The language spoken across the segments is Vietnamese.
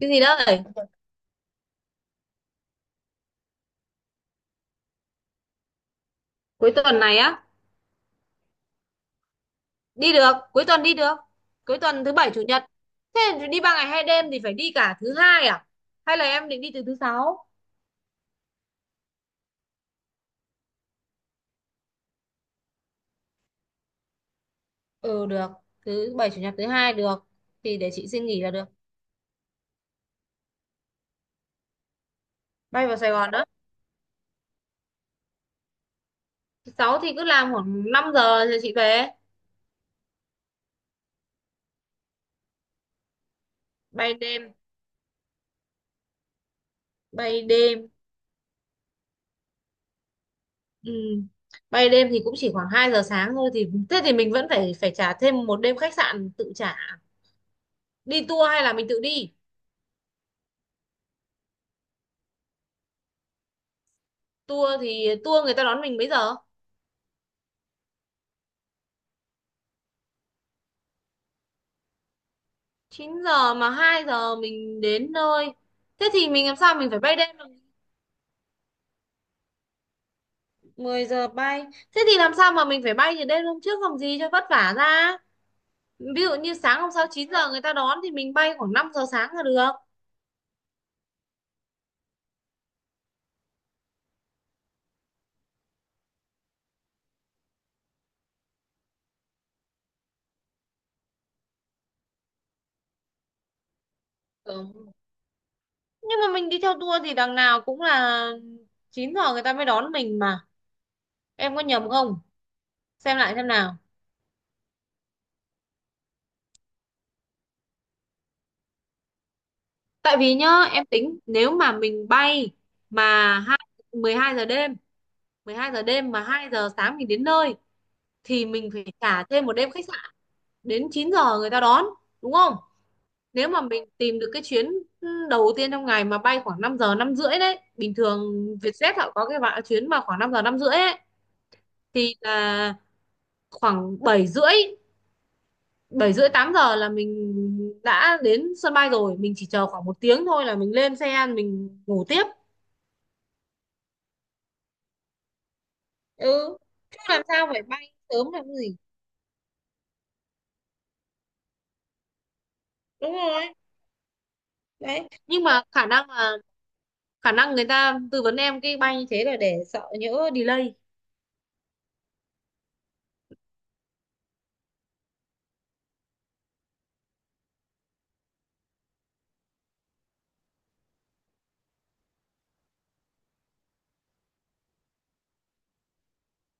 Cái gì đấy? Cuối tuần này á? Đi được, cuối tuần đi được. Cuối tuần thứ bảy chủ nhật. Thế thì đi 3 ngày 2 đêm thì phải đi cả thứ hai à? Hay là em định đi từ thứ sáu? Ừ được, thứ bảy chủ nhật thứ hai được. Thì để chị xin nghỉ là được. Bay vào Sài Gòn đó. Thứ sáu thì cứ làm khoảng 5 giờ rồi chị về. Bay đêm, bay đêm. Ừ. Bay đêm thì cũng chỉ khoảng 2 giờ sáng thôi, thì thế thì mình vẫn phải phải trả thêm một đêm khách sạn tự trả. Đi tour hay là mình tự đi? Tour thì tour người ta đón mình mấy giờ? 9 giờ mà 2 giờ mình đến nơi. Thế thì mình làm sao mình phải bay đêm được. 10 giờ bay. Thế thì làm sao mà mình phải bay từ đêm hôm trước làm gì cho vất vả ra. Ví dụ như sáng hôm sau 9 giờ người ta đón thì mình bay khoảng năm giờ sáng là được. Ừ. Nhưng mà mình đi theo tour thì đằng nào cũng là 9 giờ người ta mới đón mình mà. Em có nhầm không? Xem lại xem nào. Tại vì nhá, em tính nếu mà mình bay mà 12 giờ đêm, 12 giờ đêm mà 2 giờ sáng mình đến nơi thì mình phải trả thêm một đêm khách sạn đến 9 giờ người ta đón, đúng không? Nếu mà mình tìm được cái chuyến đầu tiên trong ngày mà bay khoảng 5 giờ năm rưỡi đấy, bình thường Vietjet họ có cái bạn chuyến mà khoảng 5 giờ năm rưỡi ấy, thì là khoảng 7 rưỡi, 7 rưỡi 8 giờ là mình đã đến sân bay rồi, mình chỉ chờ khoảng một tiếng thôi là mình lên xe mình ngủ tiếp. Ừ, chứ làm sao phải bay sớm làm cái gì. Đúng rồi, đấy nhưng mà khả năng là khả năng người ta tư vấn em cái bay như thế là để sợ nhỡ delay.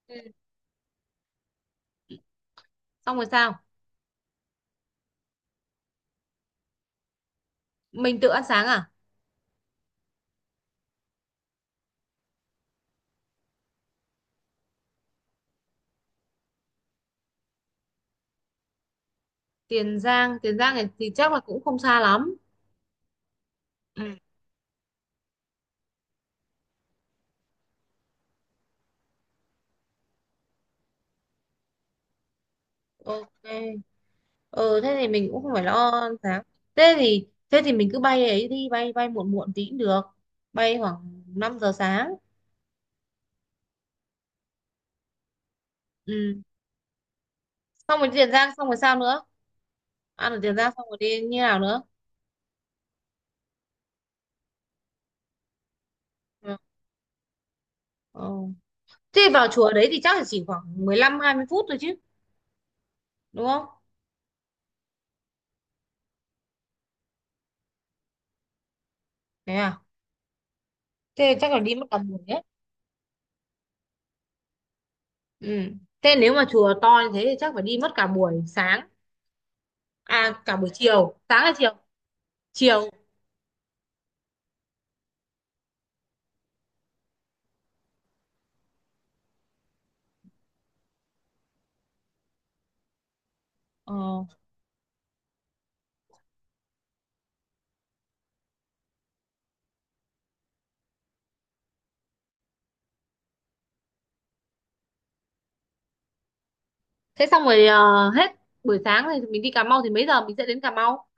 Ừ. Xong rồi sao, mình tự ăn sáng à? Tiền Giang. Tiền Giang này thì chắc là cũng không xa lắm. Ừ. Ok. Ừ, thế thì mình cũng không phải lo ăn sáng, thế thì mình cứ bay ấy, đi bay bay muộn muộn tí cũng được, bay khoảng 5 giờ sáng. Ừ. Xong rồi Tiền Giang, xong rồi sao nữa, ăn ở Tiền Giang xong rồi đi như nào nữa? Ừ. Ừ. Thế vào chùa đấy thì chắc là chỉ khoảng 15 20 phút thôi chứ, đúng không? Thế à? Thế chắc là đi mất cả buổi đấy. Ừ. Thế nếu mà chùa to như thế thì chắc phải đi mất cả buổi sáng. À cả buổi chiều, sáng hay chiều? Chiều. Ờ. Thế xong rồi hết buổi sáng thì mình đi Cà Mau, thì mấy giờ mình sẽ đến Cà Mau?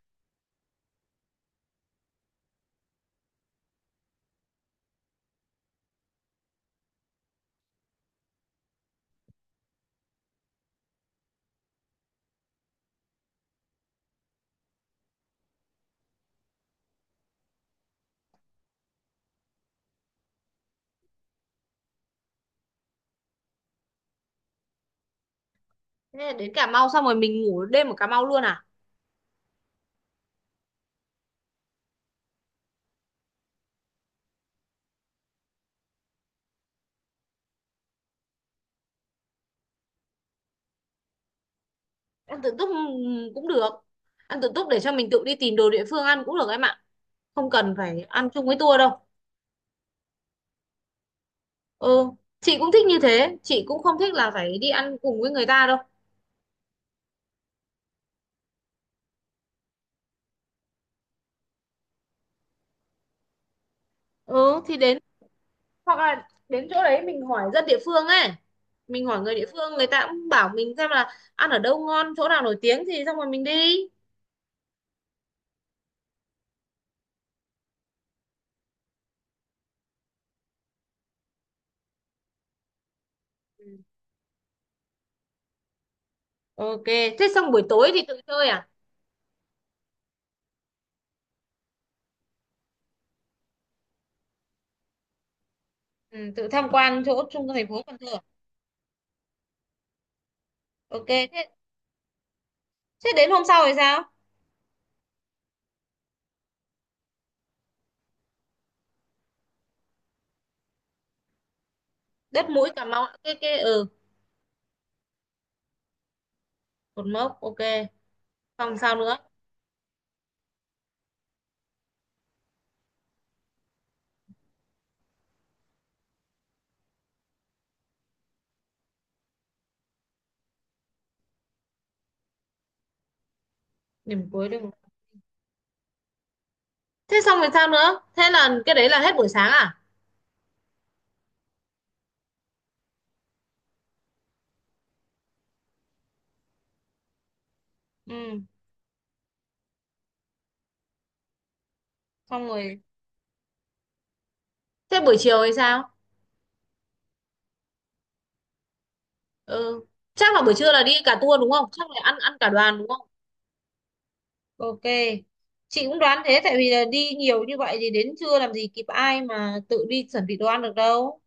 Thế là đến Cà Mau xong rồi mình ngủ đêm ở Cà Mau luôn à? Ăn tự túc, cũng được. Ăn tự túc để cho mình tự đi tìm đồ địa phương ăn cũng được em ạ, không cần phải ăn chung với tour đâu. Ừ, chị cũng thích như thế, chị cũng không thích là phải đi ăn cùng với người ta đâu. Ừ thì đến, hoặc là đến chỗ đấy mình hỏi dân địa phương ấy, mình hỏi người địa phương người ta cũng bảo mình xem là ăn ở đâu ngon chỗ nào nổi tiếng thì xong rồi mình đi. Ừ. Ok, thế xong buổi tối thì tự chơi à? Ừ, tự tham quan chỗ trung tâm thành phố Cần Thơ à? Ok thế, thế đến hôm sau thì sao? Đất mũi Cà Mau ạ. Cái ừ cột mốc, ok. Xong sao nữa? Điểm cuối đi. Thế xong rồi sao nữa, thế là cái đấy là hết buổi sáng à? Ừ. Xong rồi thế buổi chiều thì sao? Ừ, chắc là buổi trưa là đi cả tour đúng không, chắc là ăn ăn cả đoàn đúng không? Ok. Chị cũng đoán thế tại vì là đi nhiều như vậy thì đến trưa làm gì kịp ai mà tự đi chuẩn bị đồ ăn được đâu.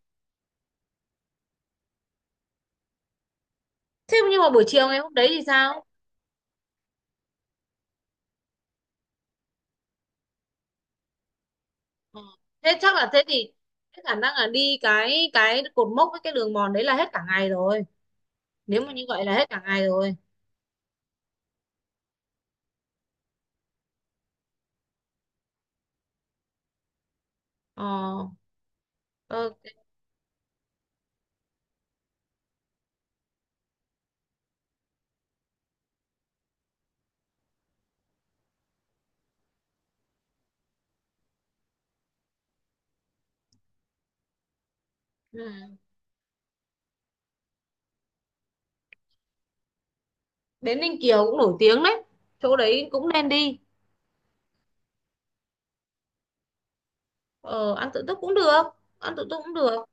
Thế nhưng mà buổi chiều ngày hôm đấy thì sao? Ờ, thế chắc là thế thì khả năng là đi cái cột mốc với cái đường mòn đấy là hết cả ngày rồi. Nếu mà như vậy là hết cả ngày rồi. Ờ, ok. Ừ. Bến Ninh Kiều cũng nổi tiếng đấy. Chỗ đấy cũng nên đi. Ờ, ăn tự túc cũng được. Ăn tự túc cũng được.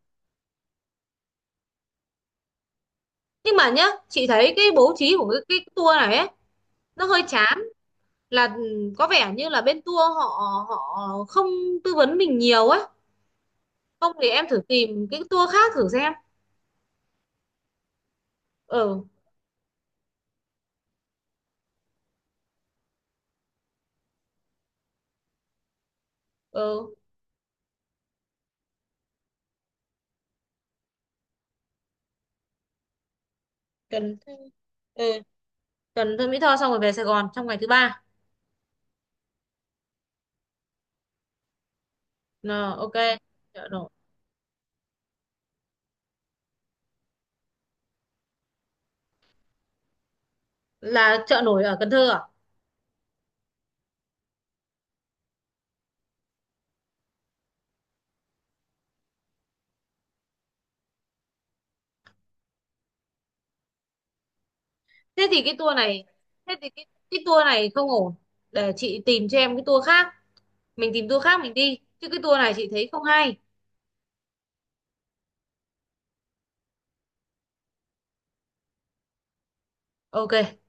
Nhưng mà nhá, chị thấy cái bố trí của cái tour này ấy, nó hơi chán, là ừ, có vẻ như là bên tour họ họ không tư vấn mình nhiều á, không thì em thử tìm cái tour khác thử xem. Ừ. Ừ, Cần Thơ. Ừ. Cần Thơ, Mỹ Tho xong rồi về Sài Gòn trong ngày thứ ba. Ờ, ok chợ nổi. Là chợ nổi ở Cần Thơ à? Thế thì cái tour này, thế thì cái tour này không ổn, để chị tìm cho em cái tour khác, mình tìm tour khác mình đi chứ cái tour này chị thấy không hay. Ok